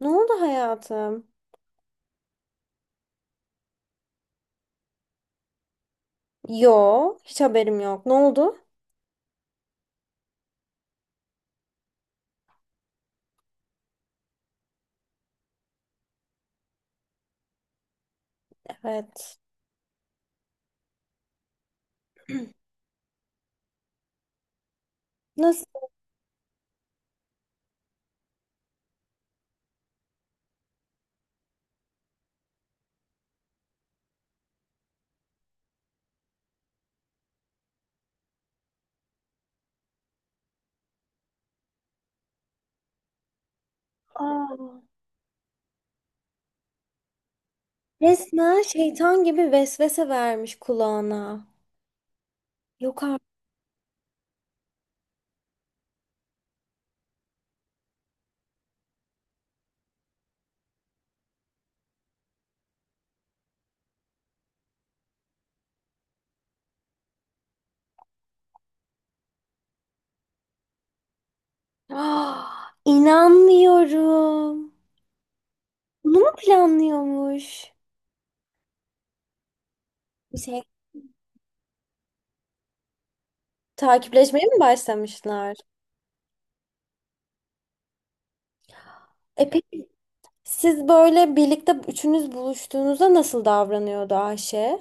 Ne oldu hayatım? Yo, hiç haberim yok. Ne oldu? Evet. Nasıl? Aa, resmen şeytan gibi vesvese vermiş kulağına. Yok artık. Ah, inanmıyorum. Bunu mu planlıyormuş? Bir şey takipleşmeye mi başlamışlar? E peki siz böyle birlikte üçünüz buluştuğunuzda nasıl davranıyordu Ayşe?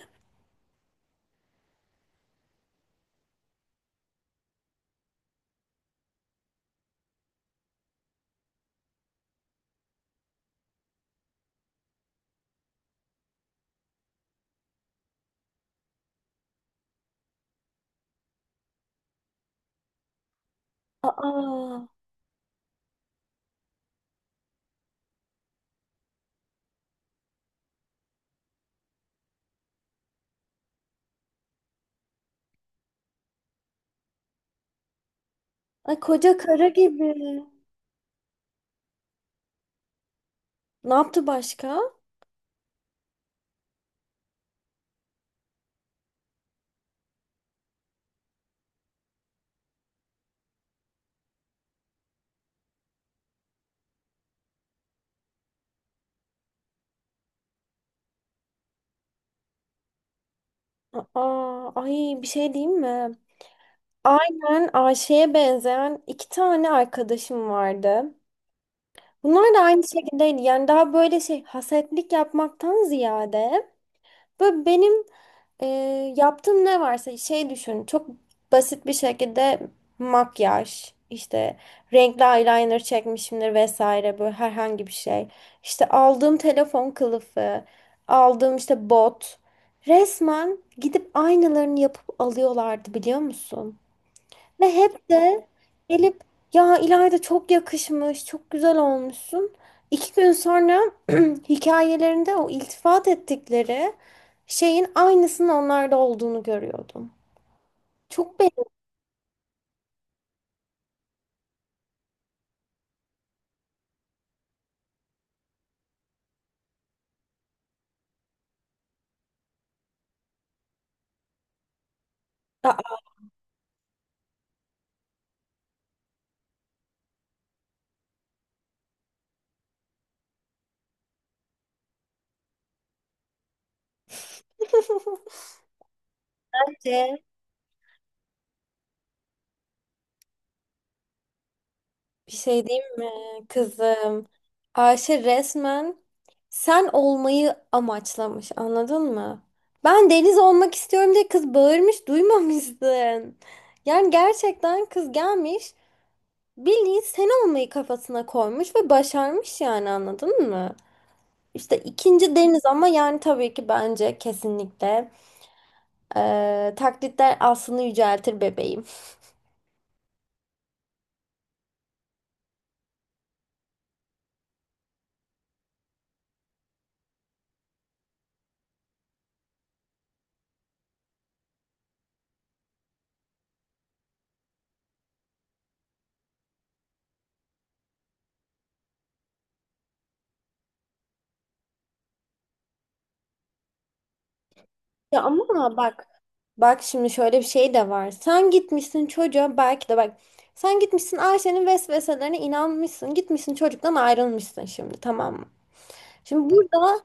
Aa, ay koca kara gibi. Ne yaptı başka? Aa, ay bir şey diyeyim mi? Aynen Ayşe'ye benzeyen iki tane arkadaşım vardı. Bunlar da aynı şekildeydi. Yani daha böyle şey hasetlik yapmaktan ziyade böyle benim e, yaptığım ne varsa şey düşün. Çok basit bir şekilde makyaj, işte renkli eyeliner çekmişimdir vesaire böyle herhangi bir şey. İşte aldığım telefon kılıfı, aldığım işte bot. Resmen gidip aynalarını yapıp alıyorlardı biliyor musun? Ve hep de gelip ya İlayda çok yakışmış, çok güzel olmuşsun. İki gün sonra hikayelerinde o iltifat ettikleri şeyin aynısının onlarda olduğunu görüyordum. Çok beğendim. Aa, Ayşe, bir şey diyeyim mi kızım? Ayşe resmen sen olmayı amaçlamış anladın mı? Ben deniz olmak istiyorum diye kız bağırmış duymamışsın. Yani gerçekten kız gelmiş Billy sen olmayı kafasına koymuş ve başarmış yani anladın mı? İşte ikinci Deniz ama yani tabii ki bence kesinlikle taklitler aslını yüceltir bebeğim. Ya ama bak şimdi şöyle bir şey de var. Sen gitmişsin çocuğa belki de bak sen gitmişsin Ayşe'nin vesveselerine inanmışsın. Gitmişsin çocuktan ayrılmışsın şimdi tamam mı? Şimdi burada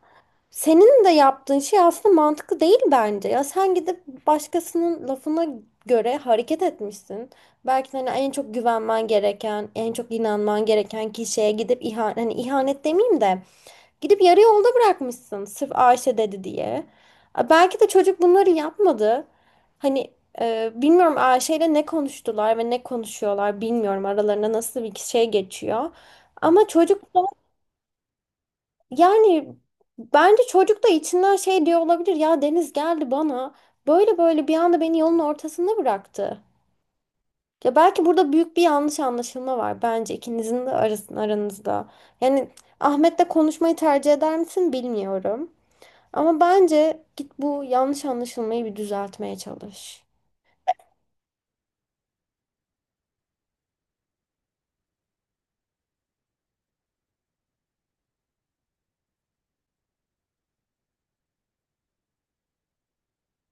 senin de yaptığın şey aslında mantıklı değil bence. Ya sen gidip başkasının lafına göre hareket etmişsin. Belki de hani en çok güvenmen gereken, en çok inanman gereken kişiye gidip ihanet, hani ihanet demeyeyim de gidip yarı yolda bırakmışsın sırf Ayşe dedi diye. A, belki de çocuk bunları yapmadı. Hani bilmiyorum Ayşe ile ne konuştular ve ne konuşuyorlar bilmiyorum aralarında nasıl bir şey geçiyor. Ama çocuk yani bence çocuk da içinden şey diyor olabilir. Ya Deniz geldi bana. Böyle böyle bir anda beni yolun ortasında bıraktı. Ya belki burada büyük bir yanlış anlaşılma var bence ikinizin de aranızda. Yani Ahmet'le konuşmayı tercih eder misin bilmiyorum. Ama bence git bu yanlış anlaşılmayı bir düzeltmeye çalış.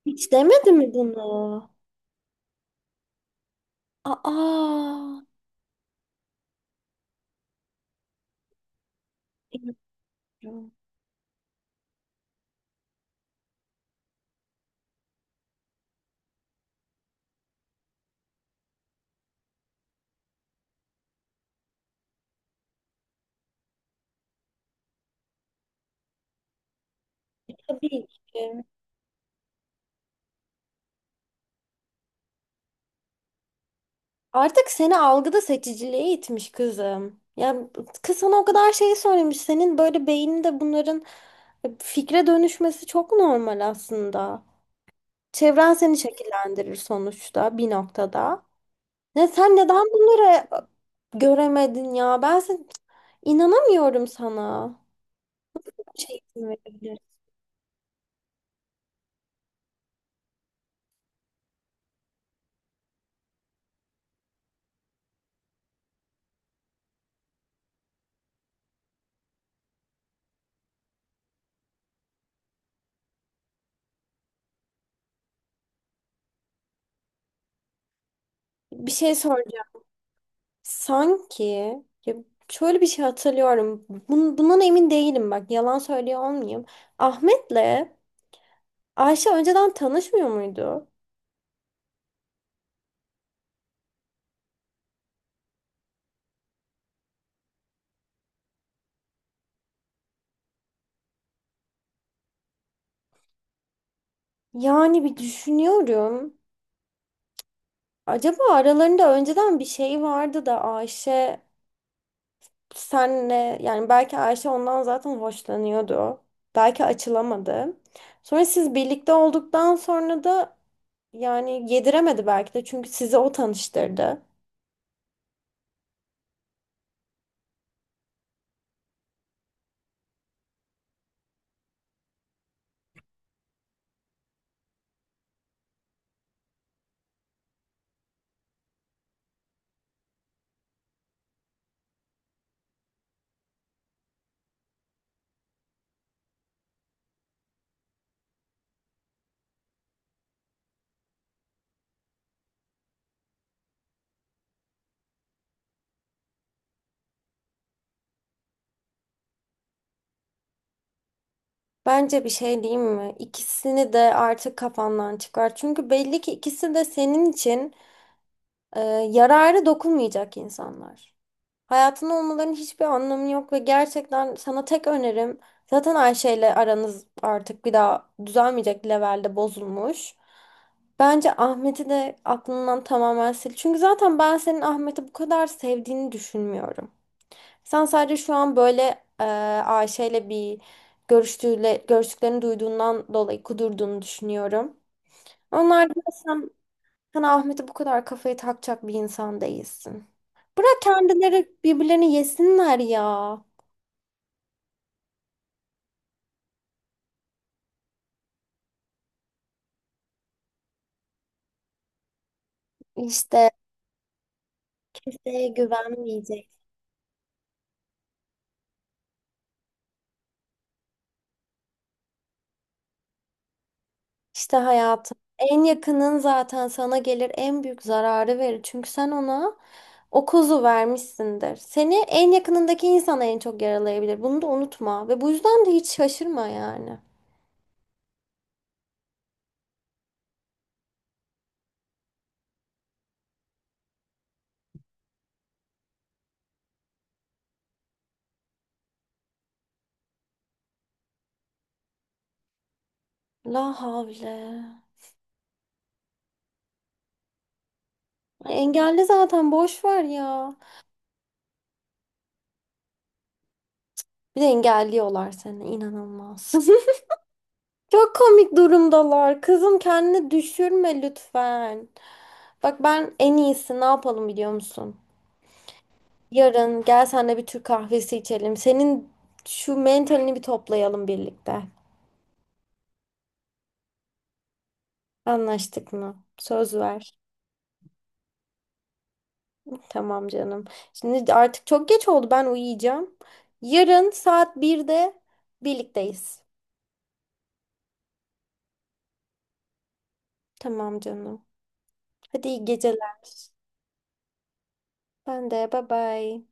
Hiç demedi mi bunu? Aa. Evet. Tabii ki. Artık seni algıda seçiciliğe itmiş kızım. Ya kız sana o kadar şey söylemiş. Senin böyle beyninde bunların fikre dönüşmesi çok normal aslında. Çevren seni şekillendirir sonuçta bir noktada. Ne sen neden bunları göremedin ya? İnanamıyorum sana. Şey, bir şey söyleyeceğim. Sanki ya şöyle bir şey hatırlıyorum. Bundan emin değilim bak. Yalan söylüyor olmayayım. Ahmet'le Ayşe önceden tanışmıyor muydu? Yani bir düşünüyorum. Acaba aralarında önceden bir şey vardı da Ayşe senle yani belki Ayşe ondan zaten hoşlanıyordu. Belki açılamadı. Sonra siz birlikte olduktan sonra da yani yediremedi belki de çünkü sizi o tanıştırdı. Bence bir şey diyeyim mi? İkisini de artık kafandan çıkar. Çünkü belli ki ikisi de senin için e, yararı dokunmayacak insanlar. Hayatında olmalarının hiçbir anlamı yok ve gerçekten sana tek önerim zaten Ayşe ile aranız artık bir daha düzelmeyecek levelde bozulmuş. Bence Ahmet'i de aklından tamamen sil. Çünkü zaten ben senin Ahmet'i bu kadar sevdiğini düşünmüyorum. Sen sadece şu an böyle Ayşe'yle bir görüştüğüyle, görüştüklerini duyduğundan dolayı kudurduğunu düşünüyorum. Onlar sen, sen Ahmet'e bu kadar kafayı takacak bir insan değilsin. Bırak kendileri birbirlerini yesinler ya. İşte kimseye güvenmeyecek. İşte hayatım. En yakının zaten sana gelir en büyük zararı verir. Çünkü sen ona o kozu vermişsindir. Seni en yakınındaki insan en çok yaralayabilir. Bunu da unutma. Ve bu yüzden de hiç şaşırma yani. La havle. Engelli zaten boş ver ya. Bir de engelliyorlar seni inanılmaz. Çok komik durumdalar. Kızım kendini düşürme lütfen. Bak ben en iyisi ne yapalım biliyor musun? Yarın gel senle bir Türk kahvesi içelim. Senin şu mentalini bir toplayalım birlikte. Anlaştık mı? Söz ver. Tamam canım. Şimdi artık çok geç oldu. Ben uyuyacağım. Yarın saat birde birlikteyiz. Tamam canım. Hadi iyi geceler. Ben de bye bye.